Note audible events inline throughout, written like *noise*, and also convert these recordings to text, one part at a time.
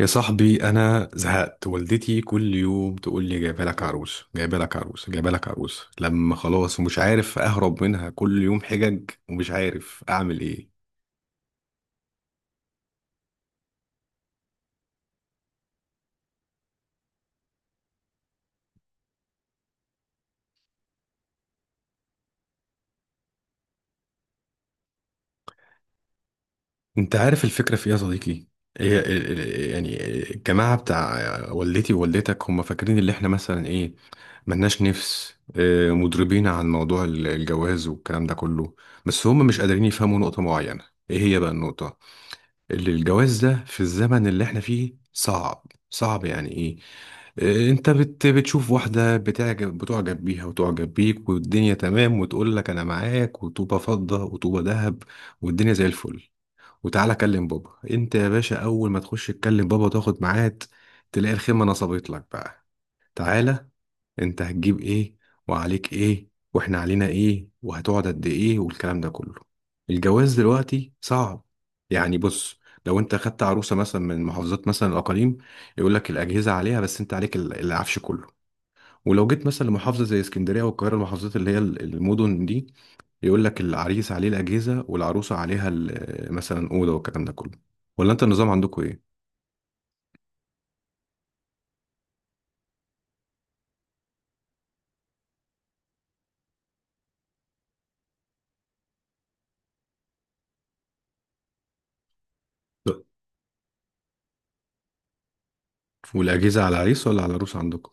يا صاحبي انا زهقت. والدتي كل يوم تقول لي جايبه لك عروس، جايبه لك عروس، جايبه لك عروس. لما خلاص ومش عارف اهرب منها، كل يوم حجج ومش عارف اعمل ايه. انت عارف الفكره في ايه يا صديقي؟ هي الجماعه بتاع والدتي ووالدتك هم فاكرين اللي احنا مثلا ايه؟ ملناش نفس مضربين عن موضوع الجواز والكلام ده كله. بس هم مش قادرين يفهموا نقطه معينه. ايه هي بقى النقطه؟ اللي الجواز ده في الزمن اللي احنا فيه صعب. صعب يعني ايه؟ اه، انت بتشوف واحدة بتعجب بيها وتعجب بيك والدنيا تمام وتقول لك انا معاك وطوبة فضة وطوبة ذهب. والدنيا زي الفل. وتعالى كلم بابا، انت يا باشا اول ما تخش تكلم بابا وتاخد ميعاد، تلاقي الخيمة نصبت لك بقى. تعالى، انت هتجيب ايه، وعليك ايه، واحنا علينا ايه، وهتقعد قد ايه، والكلام ده كله. الجواز دلوقتي صعب. يعني بص، لو انت خدت عروسة مثلا من محافظات مثلا الأقاليم، يقول لك الأجهزة عليها بس انت عليك العفش كله. ولو جيت مثلا لمحافظة زي اسكندرية والقاهرة، المحافظات اللي هي المدن دي، يقول لك العريس عليه الأجهزة والعروسة عليها مثلا أوضة والكلام ده كله. ولا انت النظام عندكم ايه؟ والأجهزة على العريس ولا على العروسة عندكم؟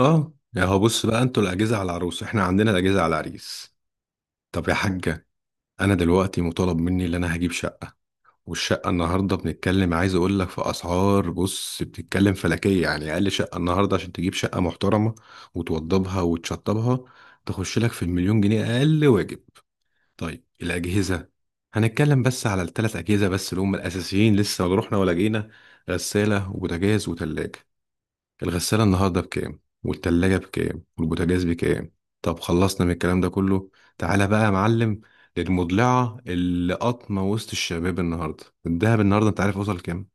اه يا هو بص بقى، انتوا الاجهزه على العروس، احنا عندنا الاجهزه على العريس. طب يا حاجه، انا دلوقتي مطالب مني ان انا هجيب شقه. والشقه النهارده بنتكلم، عايز اقول لك في اسعار بص بتتكلم فلكيه. يعني اقل شقه النهارده عشان تجيب شقه محترمه وتوضبها وتشطبها، تخش لك في المليون جنيه اقل واجب. طيب الاجهزه، هنتكلم بس على الثلاث اجهزه بس اللي هم الاساسيين، لسه ما رحنا ولا جينا: غساله وبوتاجاز وتلاجه. الغسالة النهاردة بكام، والتلاجة بكام، والبوتاجاز بكام؟ طب خلصنا من الكلام ده كله. تعالى بقى يا معلم، للمضلعة اللي قطمة وسط الشباب النهاردة، الدهب النهاردة انت عارف وصل كام؟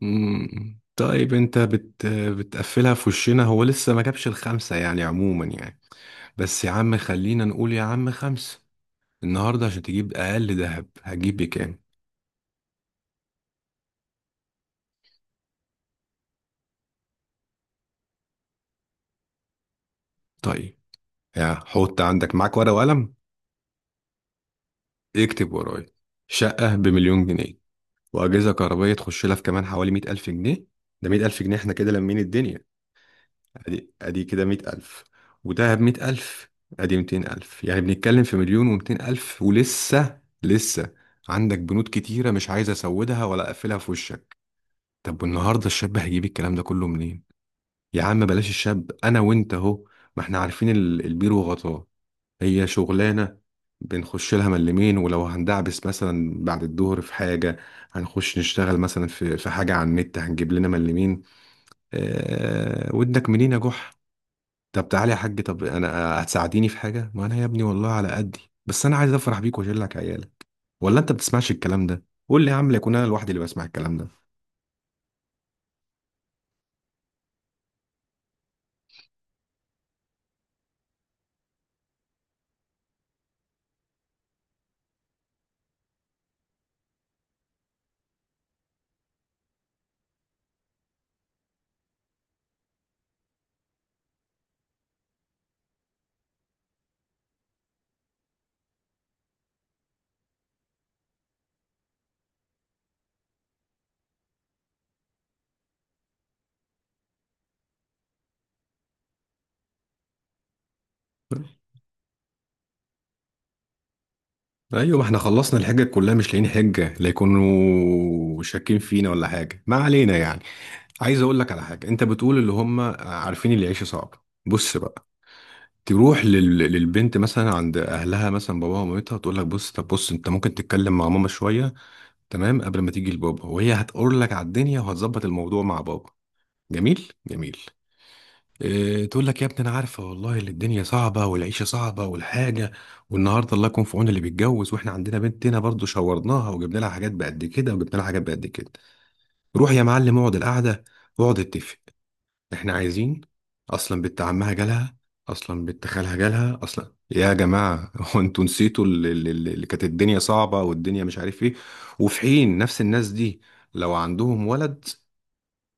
مم. طيب بتقفلها في وشنا، هو لسه ما جابش الخمسة يعني عموما يعني. بس يا عم خلينا نقول يا عم خمسة. النهاردة عشان تجيب أقل دهب هتجيب بكام؟ طيب، يا حط عندك معاك ورقة وقلم. اكتب ورايا: شقة بمليون جنيه، واجهزه كهربائيه تخش لها في كمان حوالي 100,000 جنيه. ده 100,000 جنيه، احنا كده لمين الدنيا. ادي ادي كده 100,000، وده ب 100,000، ادي 200,000. يعني بنتكلم في مليون و200 الف، ولسه لسه عندك بنود كتيره مش عايز اسودها ولا اقفلها في وشك. طب والنهارده الشاب هيجيب الكلام ده كله منين؟ يا عم بلاش الشاب، انا وانت اهو، ما احنا عارفين البير وغطاه. هي شغلانة بنخش لها من اليمين، ولو هندعبس مثلا بعد الظهر في حاجة، هنخش نشتغل مثلا في حاجة على النت، هنجيب لنا من اليمين. آه ودك منين يا جح. طب تعالى يا حاج، طب انا هتساعديني في حاجة، ما انا يا ابني والله على قدي، بس انا عايز افرح بيك واشيل لك عيالك. ولا انت بتسمعش الكلام ده؟ قول لي يا عم، لا يكون انا لوحدي اللي بسمع الكلام ده. ايوه، ما احنا خلصنا الحجة كلها، مش لاقيين حجة، لا يكونوا شاكين فينا ولا حاجة ما علينا يعني. عايز اقول لك على حاجه، انت بتقول اللي هم عارفين اللي يعيش صعب، بص بقى. تروح لل... للبنت مثلا عند اهلها مثلا باباها ومامتها، تقول لك بص، طب بص، انت ممكن تتكلم مع ماما شويه تمام قبل ما تيجي لبابا، وهي هتقول لك على الدنيا وهتظبط الموضوع مع بابا. جميل جميل. إيه تقول لك؟ يا ابني انا عارفه والله اللي الدنيا صعبه والعيشه صعبه والحاجه، والنهارده الله يكون في عون اللي بيتجوز، واحنا عندنا بنت هنا برضه شورناها وجبنا لها حاجات بقد كده وجبنا لها حاجات بقد كده. روح يا معلم اقعد القعده، واقعد اتفق، احنا عايزين. اصلا بنت عمها جالها، اصلا بنت خالها جالها، اصلا يا جماعه *laughs* هو انتوا نسيتوا اللي كانت الدنيا صعبه والدنيا مش عارف ايه؟ وفي حين نفس الناس دي، لو عندهم ولد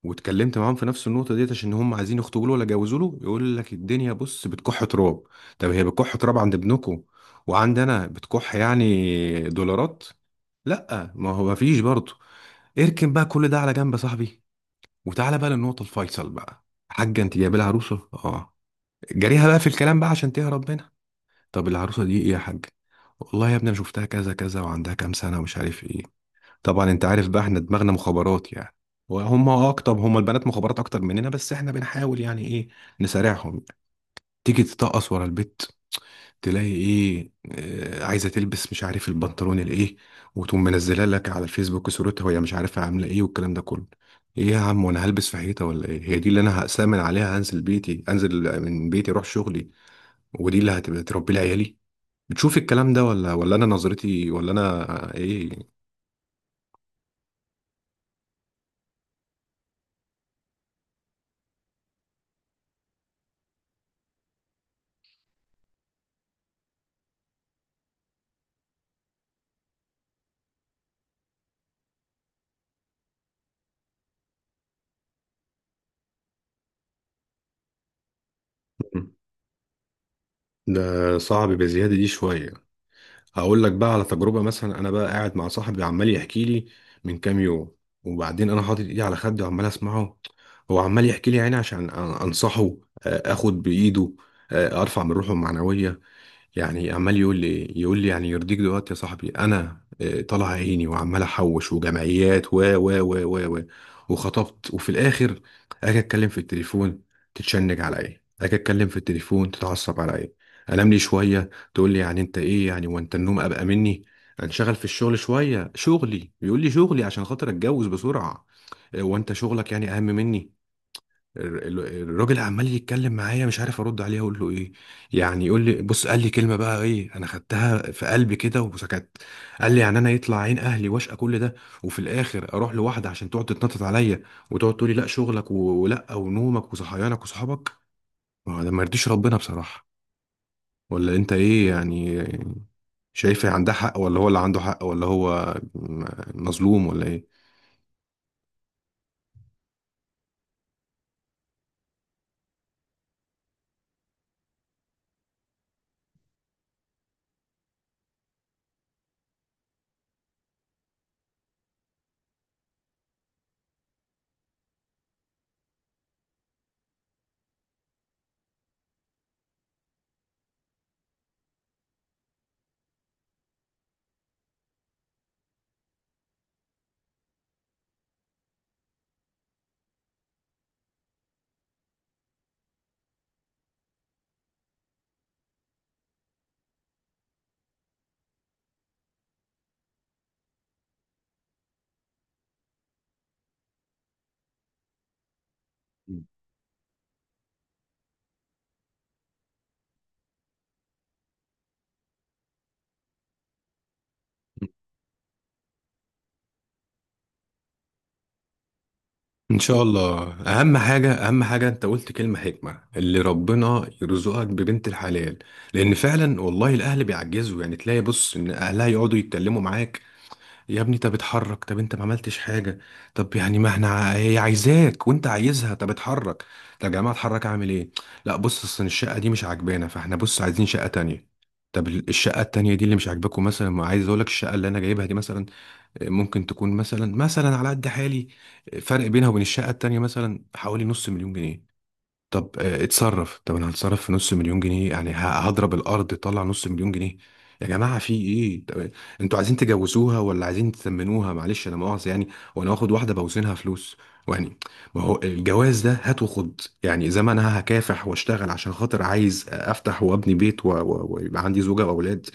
واتكلمت معاهم في نفس النقطه ديت عشان هم عايزين يخطبوا له ولا يجوزوا له، يقول لك الدنيا بص بتكح تراب. طب هي بتكح تراب عند ابنكم، وعند انا بتكح يعني دولارات؟ لا، ما هو مفيش برضه. اركن بقى كل ده على جنب يا صاحبي، وتعالى بقى للنقطة الفيصل بقى. حاجة انت جايبة لها عروسة، اه، جريها بقى في الكلام بقى عشان تهرب منها. طب العروسة دي ايه يا حاج؟ والله يا ابني انا شفتها كذا كذا وعندها كام سنة ومش عارف ايه. طبعا انت عارف بقى احنا دماغنا مخابرات يعني، وهم اكتر، هم البنات مخابرات اكتر مننا، بس احنا بنحاول يعني ايه نسارعهم. تيجي تطقص ورا البيت، تلاقي ايه؟ عايزه تلبس مش عارف البنطلون الايه، وتقوم منزلها لك على الفيسبوك صورتها وهي مش عارفه عامله ايه والكلام ده كله. ايه يا عم، وانا هلبس في حيطه ولا ايه؟ هي دي اللي انا هأسامن عليها، هنزل بيتي، انزل من بيتي اروح شغلي، ودي اللي هتبقى تربي لي عيالي؟ بتشوف الكلام ده ولا انا نظرتي، ولا انا آه، ايه ده صعب بزياده دي شويه. هقول لك بقى على تجربة، مثلا أنا بقى قاعد مع صاحبي عمال يحكي لي من كام يوم، وبعدين أنا حاطط إيدي على خدي وعمال أسمعه، هو عمال يحكي لي يعني عشان أنصحه، آخد بإيده، أرفع من روحه المعنوية. يعني عمال يقول لي يعني يرضيك دلوقتي يا صاحبي انا طالع عيني وعمال احوش وجمعيات و وخطبت وفي الاخر اجي اتكلم في التليفون تتشنج على ايه، اجي اتكلم في التليفون تتعصب على ايه، انام لي شويه تقول لي يعني انت ايه يعني وانت النوم ابقى مني، انشغل في الشغل شويه شغلي بيقول لي شغلي عشان خاطر اتجوز بسرعه، وانت شغلك يعني اهم مني. الراجل عمال يتكلم معايا مش عارف ارد عليه اقول له ايه. يعني يقول لي بص، قال لي كلمه بقى ايه انا خدتها في قلبي كده وسكت. قال لي يعني انا يطلع عين اهلي واشقى كل ده، وفي الاخر اروح لواحده عشان تقعد تتنطط عليا، وتقعد تقول لي لا شغلك ولا ونومك وصحيانك وصحابك. ما هو ده ما يرضيش ربنا بصراحه. ولا انت ايه يعني؟ شايف إيه، عندها حق ولا هو اللي عنده حق، ولا هو مظلوم ولا ايه؟ ان شاء الله. اهم حاجه اهم حاجه انت قلت كلمه حكمه، اللي ربنا يرزقك ببنت الحلال. لان فعلا والله الاهل بيعجزوا يعني، تلاقي بص ان اهلها يقعدوا يتكلموا معاك يا ابني، طب اتحرك، طب انت ما عملتش حاجه. طب يعني ما احنا هي عايزاك وانت عايزها، طب اتحرك. طب يا جماعه اتحرك اعمل ايه؟ لا بص، اصل الشقه دي مش عاجبانا، فاحنا بص عايزين شقه تانية. طب الشقه التانية دي اللي مش عاجباكم مثلا، ما عايز اقول لك الشقه اللي انا جايبها دي مثلا ممكن تكون مثلا على قد حالي. فرق بينها وبين الشقة التانية مثلا حوالي نص مليون جنيه. طب اتصرف، طب انا هتصرف في نص مليون جنيه يعني، هضرب الارض طلع نص مليون جنيه؟ يا جماعه في ايه؟ طب انتوا عايزين تجوزوها ولا عايزين تسمنوها؟ معلش انا مؤاخذه يعني، وانا واخد واحده بوزنها فلوس يعني؟ ما هو الجواز ده هات وخد يعني، زي ما انا هكافح واشتغل عشان خاطر عايز افتح وابني بيت ويبقى عندي زوجه واولاد،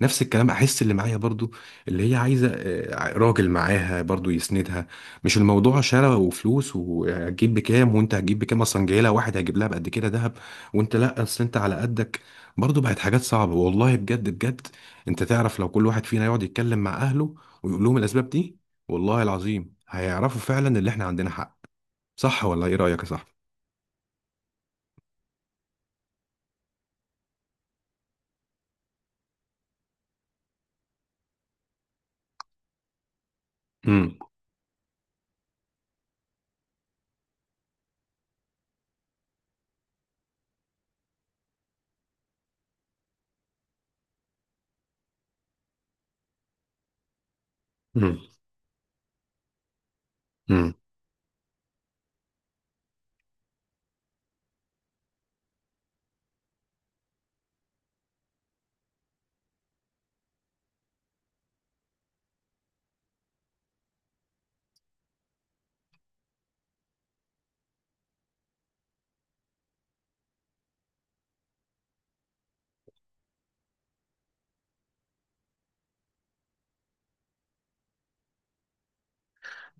نفس الكلام احس اللي معايا برضو، اللي هي عايزه راجل معاها برضو يسندها. مش الموضوع شراء وفلوس وهتجيب بكام وانت هتجيب بكام، اصلا جاي لها واحد هيجيب لها بقد كده ذهب وانت لا اصل انت على قدك. برضه بقت حاجات صعبه والله، بجد بجد. انت تعرف لو كل واحد فينا يقعد يتكلم مع اهله ويقول لهم الاسباب دي، والله العظيم هيعرفوا فعلا ان احنا عندنا حق. صح ولا ايه رايك يا صاحبي؟ امم.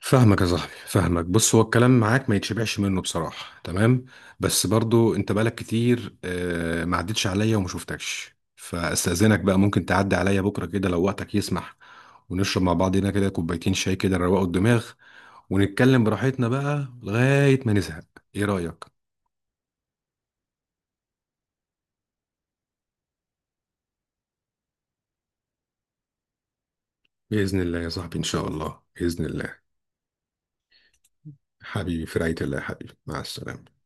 فاهمك يا صاحبي فاهمك. بص هو الكلام معاك ما يتشبعش منه بصراحة، تمام. بس برضو انت بقالك كتير ما عدتش عليا وما شفتكش، فاستأذنك بقى ممكن تعدي عليا بكرة كده لو وقتك يسمح، ونشرب مع بعضنا كده كوبايتين شاي كده نروقوا الدماغ ونتكلم براحتنا بقى لغاية ما نزهق. ايه رأيك؟ بإذن الله يا صاحبي، ان شاء الله، بإذن الله. حبيبي في رعاية الله يا حبيبي، مع السلامة.